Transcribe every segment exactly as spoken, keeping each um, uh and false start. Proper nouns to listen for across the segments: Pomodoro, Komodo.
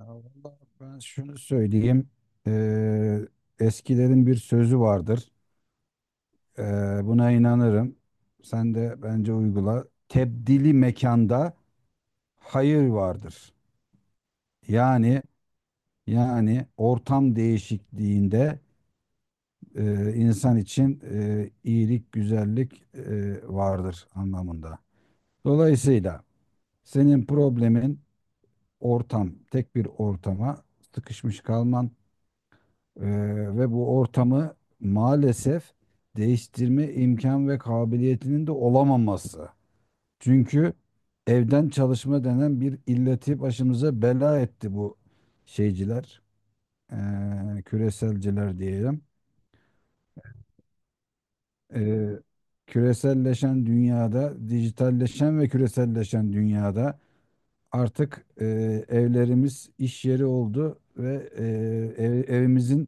Ya vallahi ben şunu söyleyeyim. Eee, eskilerin bir sözü vardır. Eee, buna inanırım. Sen de bence uygula. Tebdili mekanda hayır vardır. Yani yani ortam değişikliğinde eee, insan için eee, iyilik, güzellik eee, vardır anlamında. Dolayısıyla senin problemin ortam, tek bir ortama sıkışmış kalman. Eee, ve bu ortamı maalesef değiştirme imkan ve kabiliyetinin de olamaması. Çünkü evden çalışma denen bir illeti başımıza bela etti bu şeyciler, eee, küreselciler diyelim. Eee, küreselleşen dünyada, dijitalleşen ve küreselleşen dünyada. Artık e, evlerimiz iş yeri oldu ve e, ev- evimizin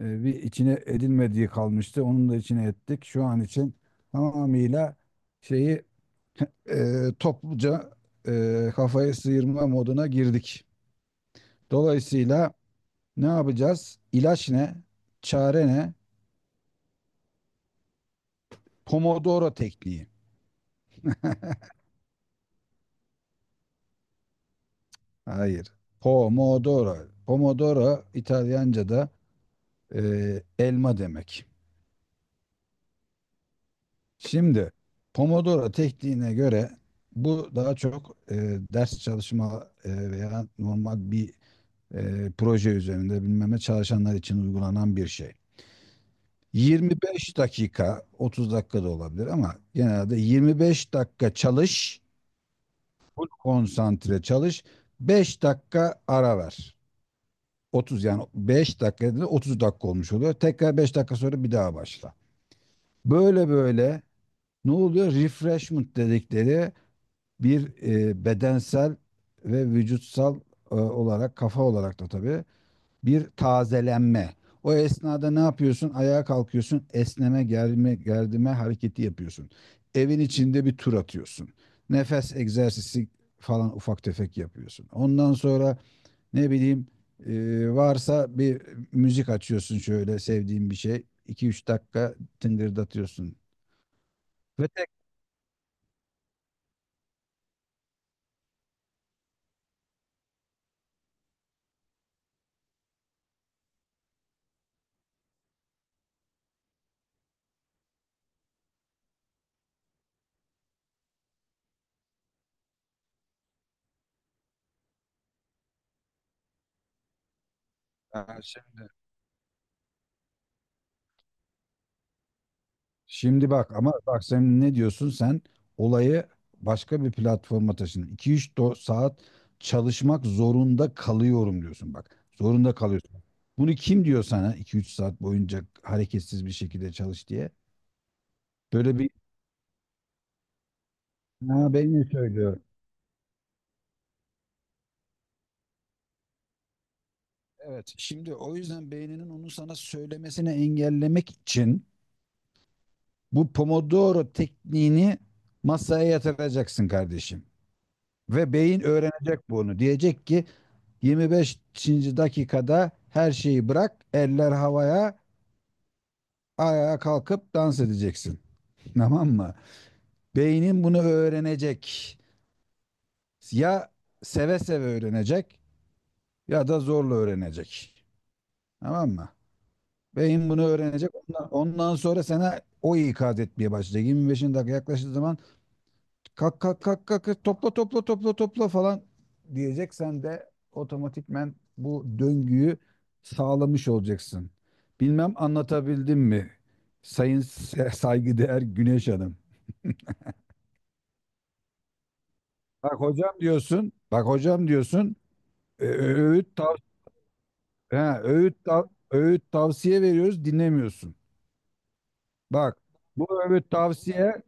e, bir içine edilmediği kalmıştı. Onun da içine ettik. Şu an için tamamıyla şeyi, e, topluca, e, kafayı sıyırma moduna girdik. Dolayısıyla ne yapacağız? İlaç ne? Çare ne? Pomodoro tekniği. Hayır. Pomodoro. Pomodoro İtalyanca'da e, elma demek. Şimdi Pomodoro tekniğine göre bu daha çok e, ders çalışma e, veya normal bir e, proje üzerinde bilmem ne çalışanlar için uygulanan bir şey. yirmi beş dakika, otuz dakika da olabilir ama genelde yirmi beş dakika çalış, konsantre çalış, beş dakika ara ver. otuz, yani beş dakika dedi, otuz dakika olmuş oluyor. Tekrar beş dakika sonra bir daha başla. Böyle böyle ne oluyor? Refreshment dedikleri bir e, bedensel ve vücutsal e, olarak, kafa olarak da tabii bir tazelenme. O esnada ne yapıyorsun? Ayağa kalkıyorsun, esneme, germe, gerdime hareketi yapıyorsun. Evin içinde bir tur atıyorsun. Nefes egzersizi falan ufak tefek yapıyorsun. Ondan sonra ne bileyim, e, varsa bir müzik açıyorsun, şöyle sevdiğin bir şey. İki üç dakika tıngırdatıyorsun. Ve tek Şimdi bak, ama bak, sen ne diyorsun sen? Olayı başka bir platforma taşın. İki üç saat çalışmak zorunda kalıyorum diyorsun bak. Zorunda kalıyorsun. Bunu kim diyor sana iki üç saat boyunca hareketsiz bir şekilde çalış diye? Böyle bir ha, beyni söylüyor. Evet, şimdi o yüzden beyninin onu sana söylemesini engellemek için bu Pomodoro tekniğini masaya yatıracaksın kardeşim. Ve beyin öğrenecek bunu. Diyecek ki yirmi beşinci dakikada her şeyi bırak, eller havaya, ayağa kalkıp dans edeceksin. Tamam mı? Beynin bunu öğrenecek. Ya seve seve öğrenecek ya da zorla öğrenecek. Tamam mı? Beyin bunu öğrenecek. Ondan, ondan sonra sana o ikaz etmeye başlayacak. yirmi beşinci dakika yaklaştığı zaman kalk kalk kalk kalk, topla topla topla topla falan diyecek. Sen de otomatikmen bu döngüyü sağlamış olacaksın. Bilmem anlatabildim mi? Sayın Se- saygıdeğer Güneş Hanım. Bak hocam diyorsun, bak hocam diyorsun, e, öğüt tav ha, öğüt tav- öğüt tavsiye veriyoruz, dinlemiyorsun. Bak, bu öğüt tavsiye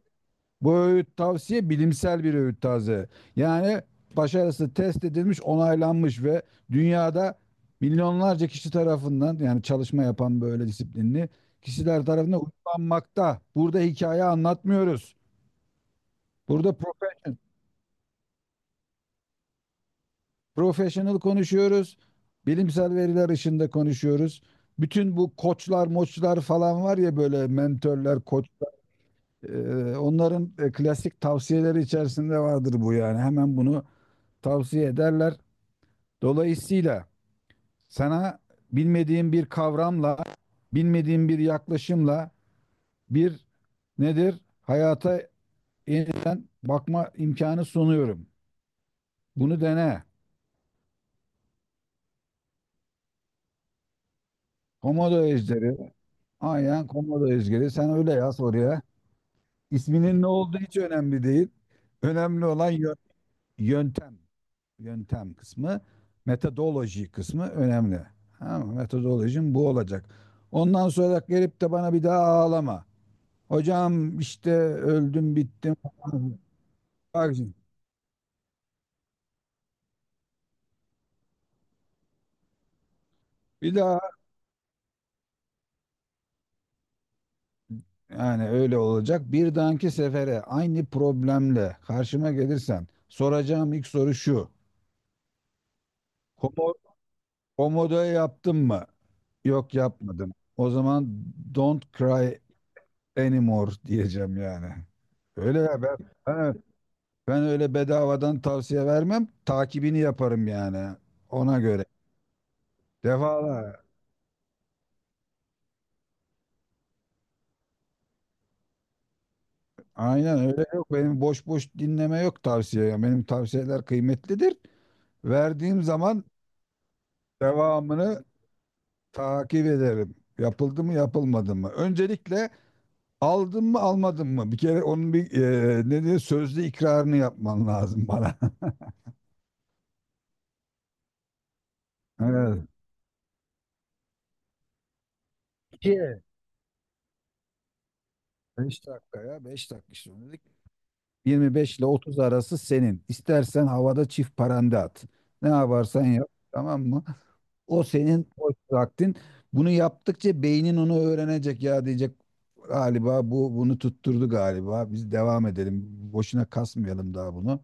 Bu öğüt tavsiye bilimsel bir öğüt taze. Yani başarısı test edilmiş, onaylanmış ve dünyada milyonlarca kişi tarafından, yani çalışma yapan böyle disiplinli kişiler tarafından uygulanmakta. Burada hikaye anlatmıyoruz. Burada profession, professional konuşuyoruz. Bilimsel veriler ışığında konuşuyoruz. Bütün bu koçlar, moçlar falan var ya, böyle mentörler, koçlar. e, onların e, klasik tavsiyeleri içerisinde vardır bu yani. Hemen bunu tavsiye ederler. Dolayısıyla sana bilmediğin bir kavramla, bilmediğin bir yaklaşımla, bir nedir, hayata yeniden bakma imkanı sunuyorum. Bunu dene. Komodo ejderi. Aynen komodo ejderi. Sen öyle yaz oraya. İsminin ne olduğu hiç önemli değil. Önemli olan yö- yöntem. Yöntem kısmı. Metodoloji kısmı önemli. Ama metodolojim bu olacak. Ondan sonra gelip de bana bir daha ağlama. Hocam işte öldüm bittim. Bak şimdi, bir daha yani öyle olacak. Bir dahaki sefere aynı problemle karşıma gelirsen soracağım ilk soru şu. Komo, komodo yaptın mı? Yok, yapmadım. O zaman don't cry anymore diyeceğim yani. Öyle ya, ben, ben, ben öyle bedavadan tavsiye vermem. Takibini yaparım yani, ona göre. Defalar. Aynen öyle, yok. Benim boş boş dinleme yok tavsiye, ya. Benim tavsiyeler kıymetlidir. Verdiğim zaman devamını takip ederim. Yapıldı mı yapılmadı mı? Öncelikle aldın mı almadın mı? Bir kere onun bir, e, ne diyor, sözlü ikrarını yapman lazım bana. Evet. beş dakikaya, beş dakika işte dedik. Yirmi beş ile otuz arası senin. İstersen havada çift paranda at. Ne yaparsan yap, tamam mı? O senin boş vaktin. Bunu yaptıkça beynin onu öğrenecek, ya diyecek galiba bu, bunu tutturdu galiba. Biz devam edelim. Boşuna kasmayalım daha bunu.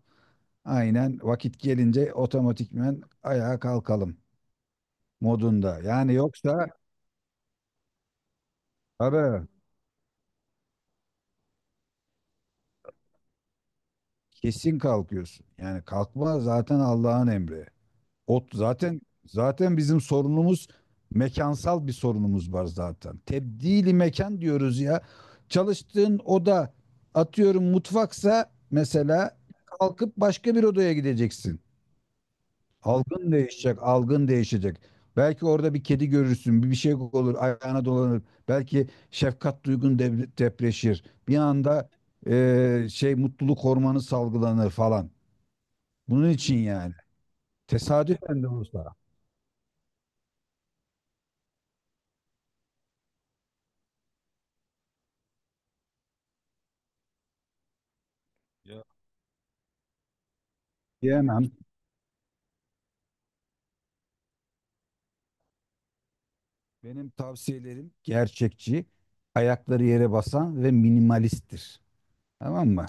Aynen vakit gelince otomatikmen ayağa kalkalım modunda. Yani yoksa, tabii kesin kalkıyorsun. Yani kalkma zaten Allah'ın emri. O zaten zaten bizim sorunumuz, mekansal bir sorunumuz var zaten. Tebdili mekan diyoruz ya. Çalıştığın oda, atıyorum mutfaksa mesela, kalkıp başka bir odaya gideceksin. Algın değişecek, algın değişecek. Belki orada bir kedi görürsün, bir bir şey olur, ayağına dolanır. Belki şefkat duygun dep- depreşir. Bir anda eee, şey, mutluluk hormonu salgılanır falan. Bunun için yani. Tesadüfen de olsa. Ya, diyemem. Benim tavsiyelerim gerçekçi, ayakları yere basan ve minimalisttir. Tamam mı?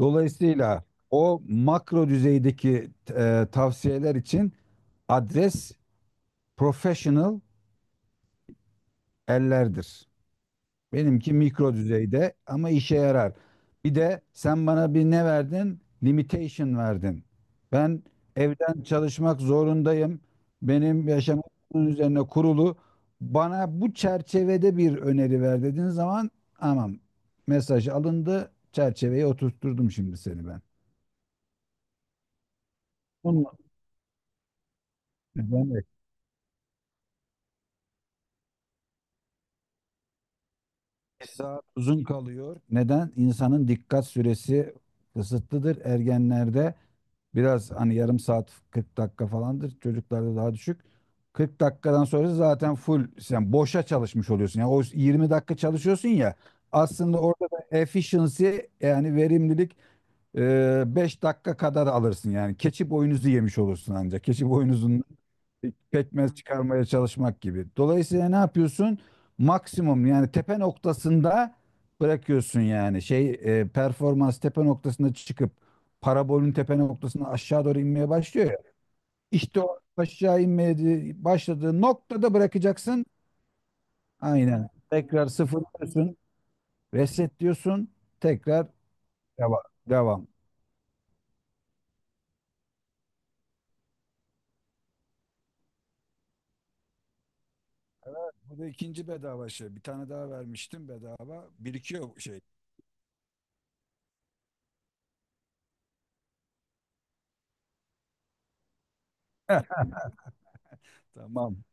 Dolayısıyla o makro düzeydeki e, tavsiyeler için adres professional ellerdir. Benimki mikro düzeyde ama işe yarar. Bir de sen bana bir ne verdin? Limitation verdin. Ben evden çalışmak zorundayım. Benim yaşamım bunun üzerine kurulu. Bana bu çerçevede bir öneri ver dediğin zaman, tamam, mesaj alındı. Çerçeveye oturtturdum şimdi seni ben. Bununla, Neden? Bir saat uzun kalıyor. Neden? İnsanın dikkat süresi kısıtlıdır ergenlerde. Biraz hani yarım saat, kırk dakika falandır. Çocuklarda daha düşük. kırk dakikadan sonra zaten full sen boşa çalışmış oluyorsun. Yani o yirmi dakika çalışıyorsun ya, aslında orada da efficiency, yani verimlilik, beş dakika kadar alırsın yani. Keçi boynuzu yemiş olursun ancak. Keçi boynuzundan pekmez çıkarmaya çalışmak gibi. Dolayısıyla ne yapıyorsun? Maksimum, yani tepe noktasında bırakıyorsun yani. Şey e, performans tepe noktasında çıkıp parabolün tepe noktasına aşağı doğru inmeye başlıyor ya. İşte o aşağı inmeye de- başladığı noktada bırakacaksın. Aynen. Tekrar sıfırlıyorsun. Reset diyorsun. Tekrar devam. Devam. Bu da ikinci bedava şey. Bir tane daha vermiştim bedava. Birikiyor şey. Heh, tamam.